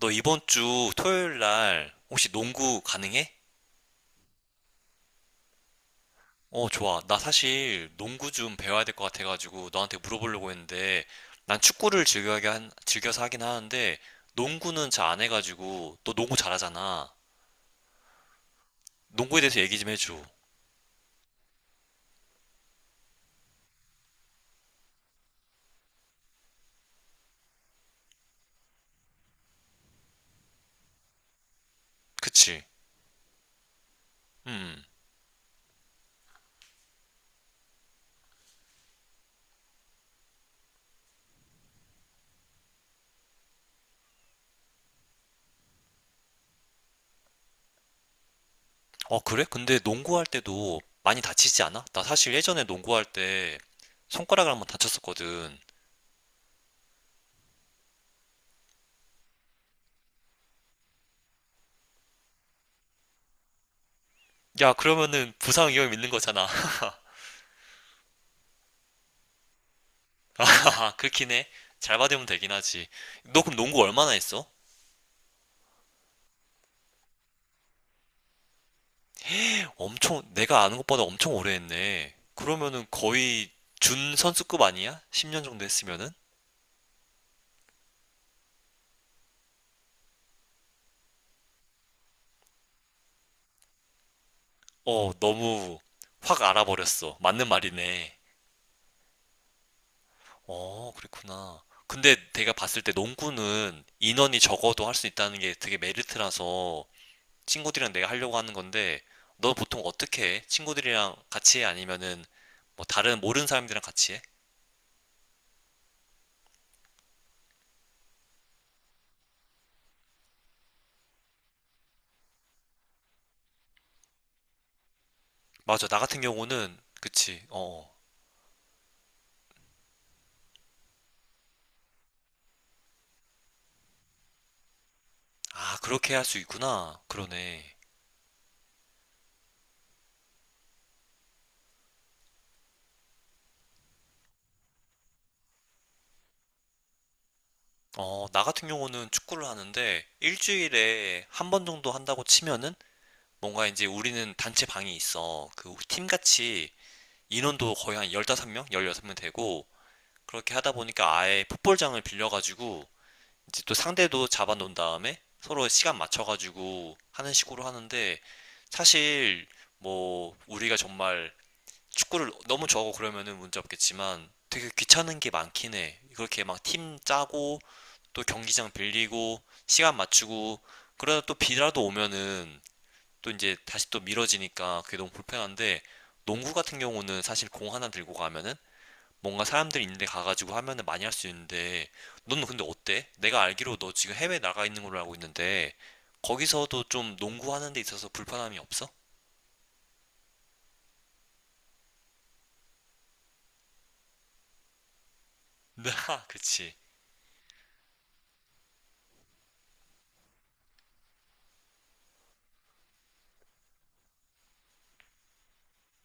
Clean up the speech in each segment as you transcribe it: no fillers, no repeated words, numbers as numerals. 너 이번 주 토요일 날 혹시 농구 가능해? 어, 좋아. 나 사실 농구 좀 배워야 될 것 같아가지고 너한테 물어보려고 했는데 난 축구를 즐겨하게 즐겨서 하긴 하는데 농구는 잘 안 해가지고 너 농구 잘하잖아. 농구에 대해서 얘기 좀 해줘. 그치? 음. 음. 어, 그래? 근데 농구할 때도 많이 다치지 않아? 나 사실 예전에 농구할 때 손가락을 한번 다쳤었거든. 야, 그러면은 부상 위험 있는 거잖아. 하하, 그렇긴 해. 잘 받으면 되긴 하지. 너 그럼 농구 얼마나 했어? 엄청, 내가 아는 것보다 엄청 오래 했네. 그러면은 거의 준 선수급 아니야? 10년 정도 했으면은? 어, 너무 확 알아버렸어. 맞는 말이네. 어, 그랬구나. 근데 내가 봤을 때 농구는 인원이 적어도 할 수 있다는 게 되게 메리트라서 친구들이랑 내가 하려고 하는 건데, 너 보통 어떻게 해? 친구들이랑 같이 해? 아니면은 뭐 다른 모르는 사람들이랑 같이 해? 맞아. 나 같은 경우는 그치. 어. 어. 아, 그렇게 할 수 있구나. 그러네. 어, 나 같은 경우는 축구를 하는데 일주일에 한 번 정도 한다고 치면은 뭔가 이제 우리는 단체 방이 있어. 그 팀같이 인원도 거의 한 15명, 16명 되고 그렇게 하다 보니까 아예 풋볼장을 빌려가지고 이제 또 상대도 잡아 놓은 다음에 서로 시간 맞춰가지고 하는 식으로 하는데 사실 뭐 우리가 정말 축구를 너무 좋아하고 그러면은 문제 없겠지만 되게 귀찮은 게 많긴 해. 그렇게 막 팀 짜고 또 경기장 빌리고 시간 맞추고 그러다 또 비라도 오면은 또 이제 다시 또 미뤄지니까 그게 너무 불편한데 농구 같은 경우는 사실 공 하나 들고 가면은 뭔가 사람들 있는데 가가지고 하면은 많이 할 수 있는데 너는 근데 어때? 내가 알기로 너 지금 해외 나가 있는 걸로 알고 있는데 거기서도 좀 농구하는 데 있어서 불편함이 없어? 나, 그치.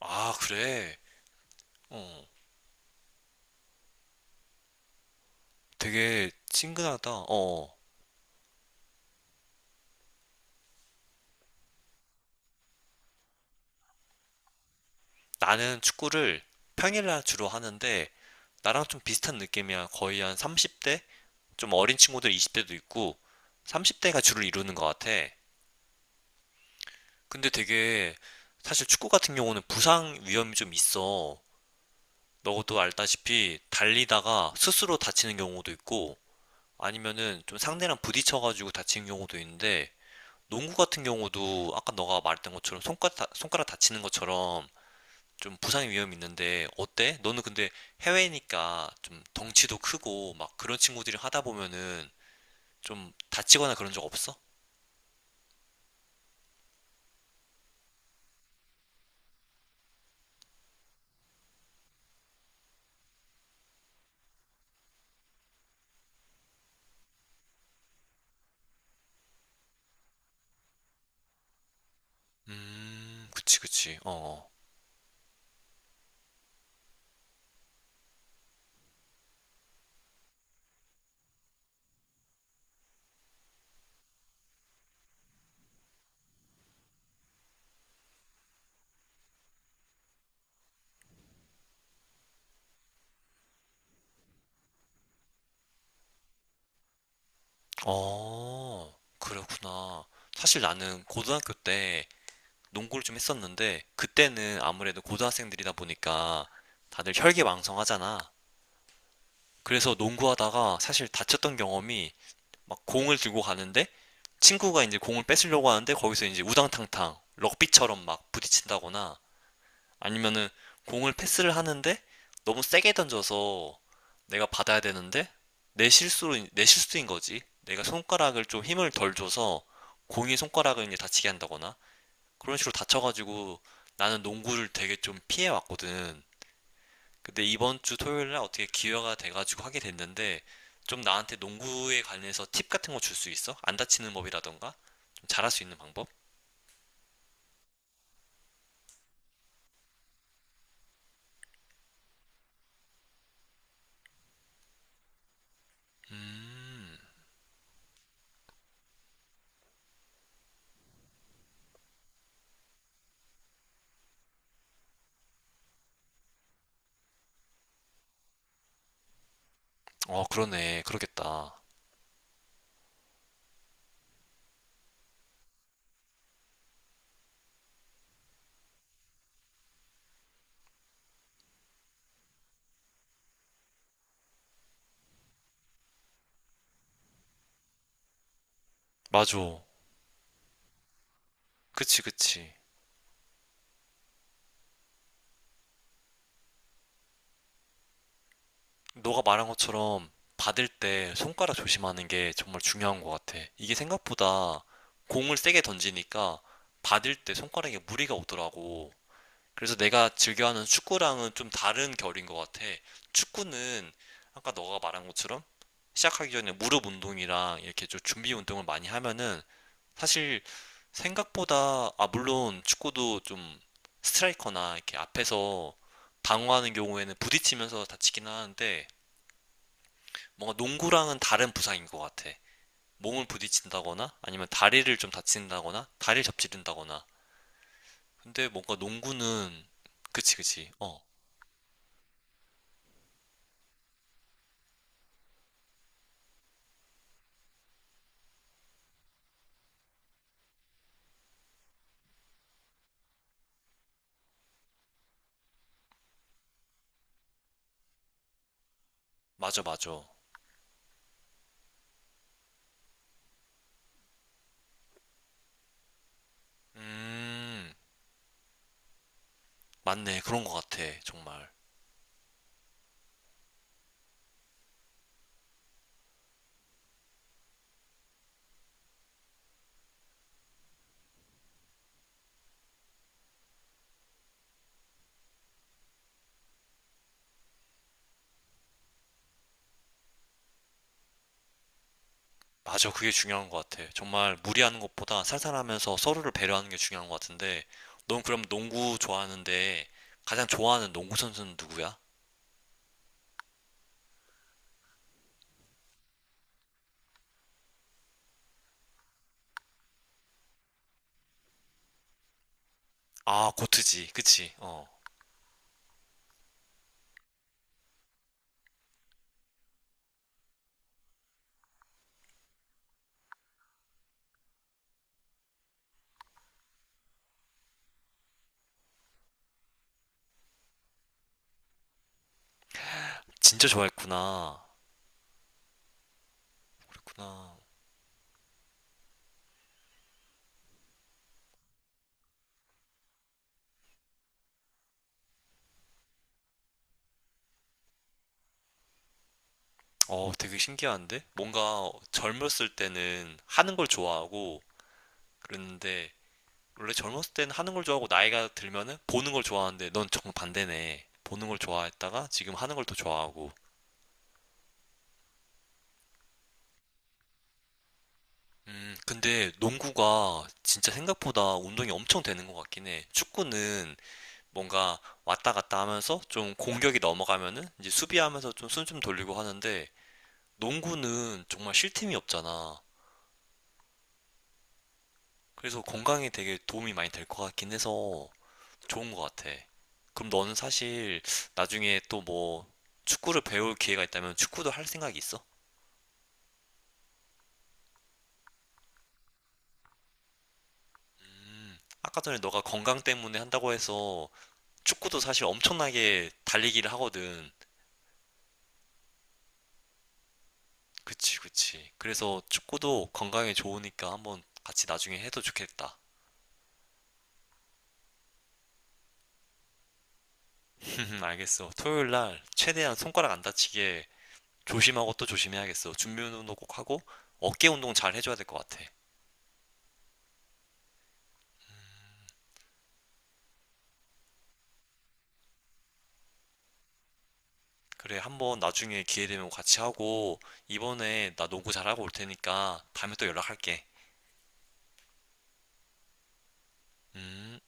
아, 그래. 어. 되게 친근하다. 어, 어. 나는 축구를 평일날 주로 하는데, 나랑 좀 비슷한 느낌이야. 거의 한 30대? 좀 어린 친구들 20대도 있고, 30대가 주를 이루는 것 같아. 근데 되게, 사실 축구 같은 경우는 부상 위험이 좀 있어. 너도 알다시피, 달리다가 스스로 다치는 경우도 있고, 아니면은 좀 상대랑 부딪혀가지고 다치는 경우도 있는데, 농구 같은 경우도 아까 너가 말했던 것처럼 손가락, 손가락 다치는 것처럼 좀 부상의 위험이 있는데 어때? 너는 근데 해외니까 좀 덩치도 크고 막 그런 친구들이 하다 보면은 좀 다치거나 그런 적 없어? 그치, 그치. 어. 어, 어, 그렇구나. 사실 나는 고등학교 때 농구를 좀 했었는데 그때는 아무래도 고등학생들이다 보니까 다들 혈기왕성하잖아. 그래서 농구하다가 사실 다쳤던 경험이 막 공을 들고 가는데 친구가 이제 공을 뺏으려고 하는데 거기서 이제 우당탕탕 럭비처럼 막 부딪힌다거나 아니면은 공을 패스를 하는데 너무 세게 던져서 내가 받아야 되는데 내 실수로 내 실수인 거지. 내가 손가락을 좀 힘을 덜 줘서 공이 손가락을 이제 다치게 한다거나 그런 식으로 다쳐가지고 나는 농구를 되게 좀 피해 왔거든. 근데 이번 주 토요일 날 어떻게 기회가 돼가지고 하게 됐는데 좀 나한테 농구에 관해서 팁 같은 거 줄 수 있어? 안 다치는 법이라던가? 좀 잘할 수 있는 방법? 음, 어, 그러네. 그러겠다. 맞아. 그치, 그치. 너가 말한 것처럼 받을 때 손가락 조심하는 게 정말 중요한 것 같아. 이게 생각보다 공을 세게 던지니까 받을 때 손가락에 무리가 오더라고. 그래서 내가 즐겨하는 축구랑은 좀 다른 결인 것 같아. 축구는 아까 너가 말한 것처럼 시작하기 전에 무릎 운동이랑 이렇게 좀 준비 운동을 많이 하면은 사실 생각보다 아 물론 축구도 좀 스트라이커나 이렇게 앞에서 방어하는 경우에는 부딪히면서 다치긴 하는데 뭔가 농구랑은 다른 부상인 것 같아. 몸을 부딪힌다거나 아니면 다리를 좀 다친다거나 다리를 접지른다거나. 근데 뭔가 농구는 그치 그치. 어 맞아, 맞아. 음, 맞네. 그런 것 같아. 정말. 맞아. 그게 중요한 것 같아. 정말 무리하는 것보다 살살하면서 서로를 배려하는 게 중요한 것 같은데, 넌 그럼 농구 좋아하는데, 가장 좋아하는 농구 선수는 누구야? 아, 고트지. 그치? 어. 진짜 좋아했구나. 구나. 어, 되게 신기한데? 뭔가 젊었을 때는 하는 걸 좋아하고, 그랬는데, 원래 젊었을 땐 하는 걸 좋아하고 나이가 들면은 보는 걸 좋아하는데 넌 정반대네. 보는 걸 좋아했다가 지금 하는 걸 더 좋아하고. 근데 농구가 진짜 생각보다 운동이 엄청 되는 것 같긴 해. 축구는 뭔가 왔다 갔다 하면서 좀 공격이 넘어가면은 이제 수비하면서 좀 숨 좀 돌리고 하는데 농구는 정말 쉴 틈이 없잖아. 그래서 건강에 되게 도움이 많이 될 것 같긴 해서 좋은 것 같아. 그럼 너는 사실 나중에 또 뭐 축구를 배울 기회가 있다면 축구도 할 생각이 있어? 아까 전에 너가 건강 때문에 한다고 해서 축구도 사실 엄청나게 달리기를 하거든. 그치, 그치. 그래서 축구도 건강에 좋으니까 한번 같이 나중에 해도 좋겠다. 알겠어. 토요일 날 최대한 손가락 안 다치게 조심하고 또 조심해야겠어. 준비 운동도 꼭 하고 어깨 운동 잘 해줘야 될 것 같아. 그래, 한번 나중에 기회 되면 같이 하고, 이번에 나 농구 잘하고 올 테니까 다음에 또 연락할게. 음.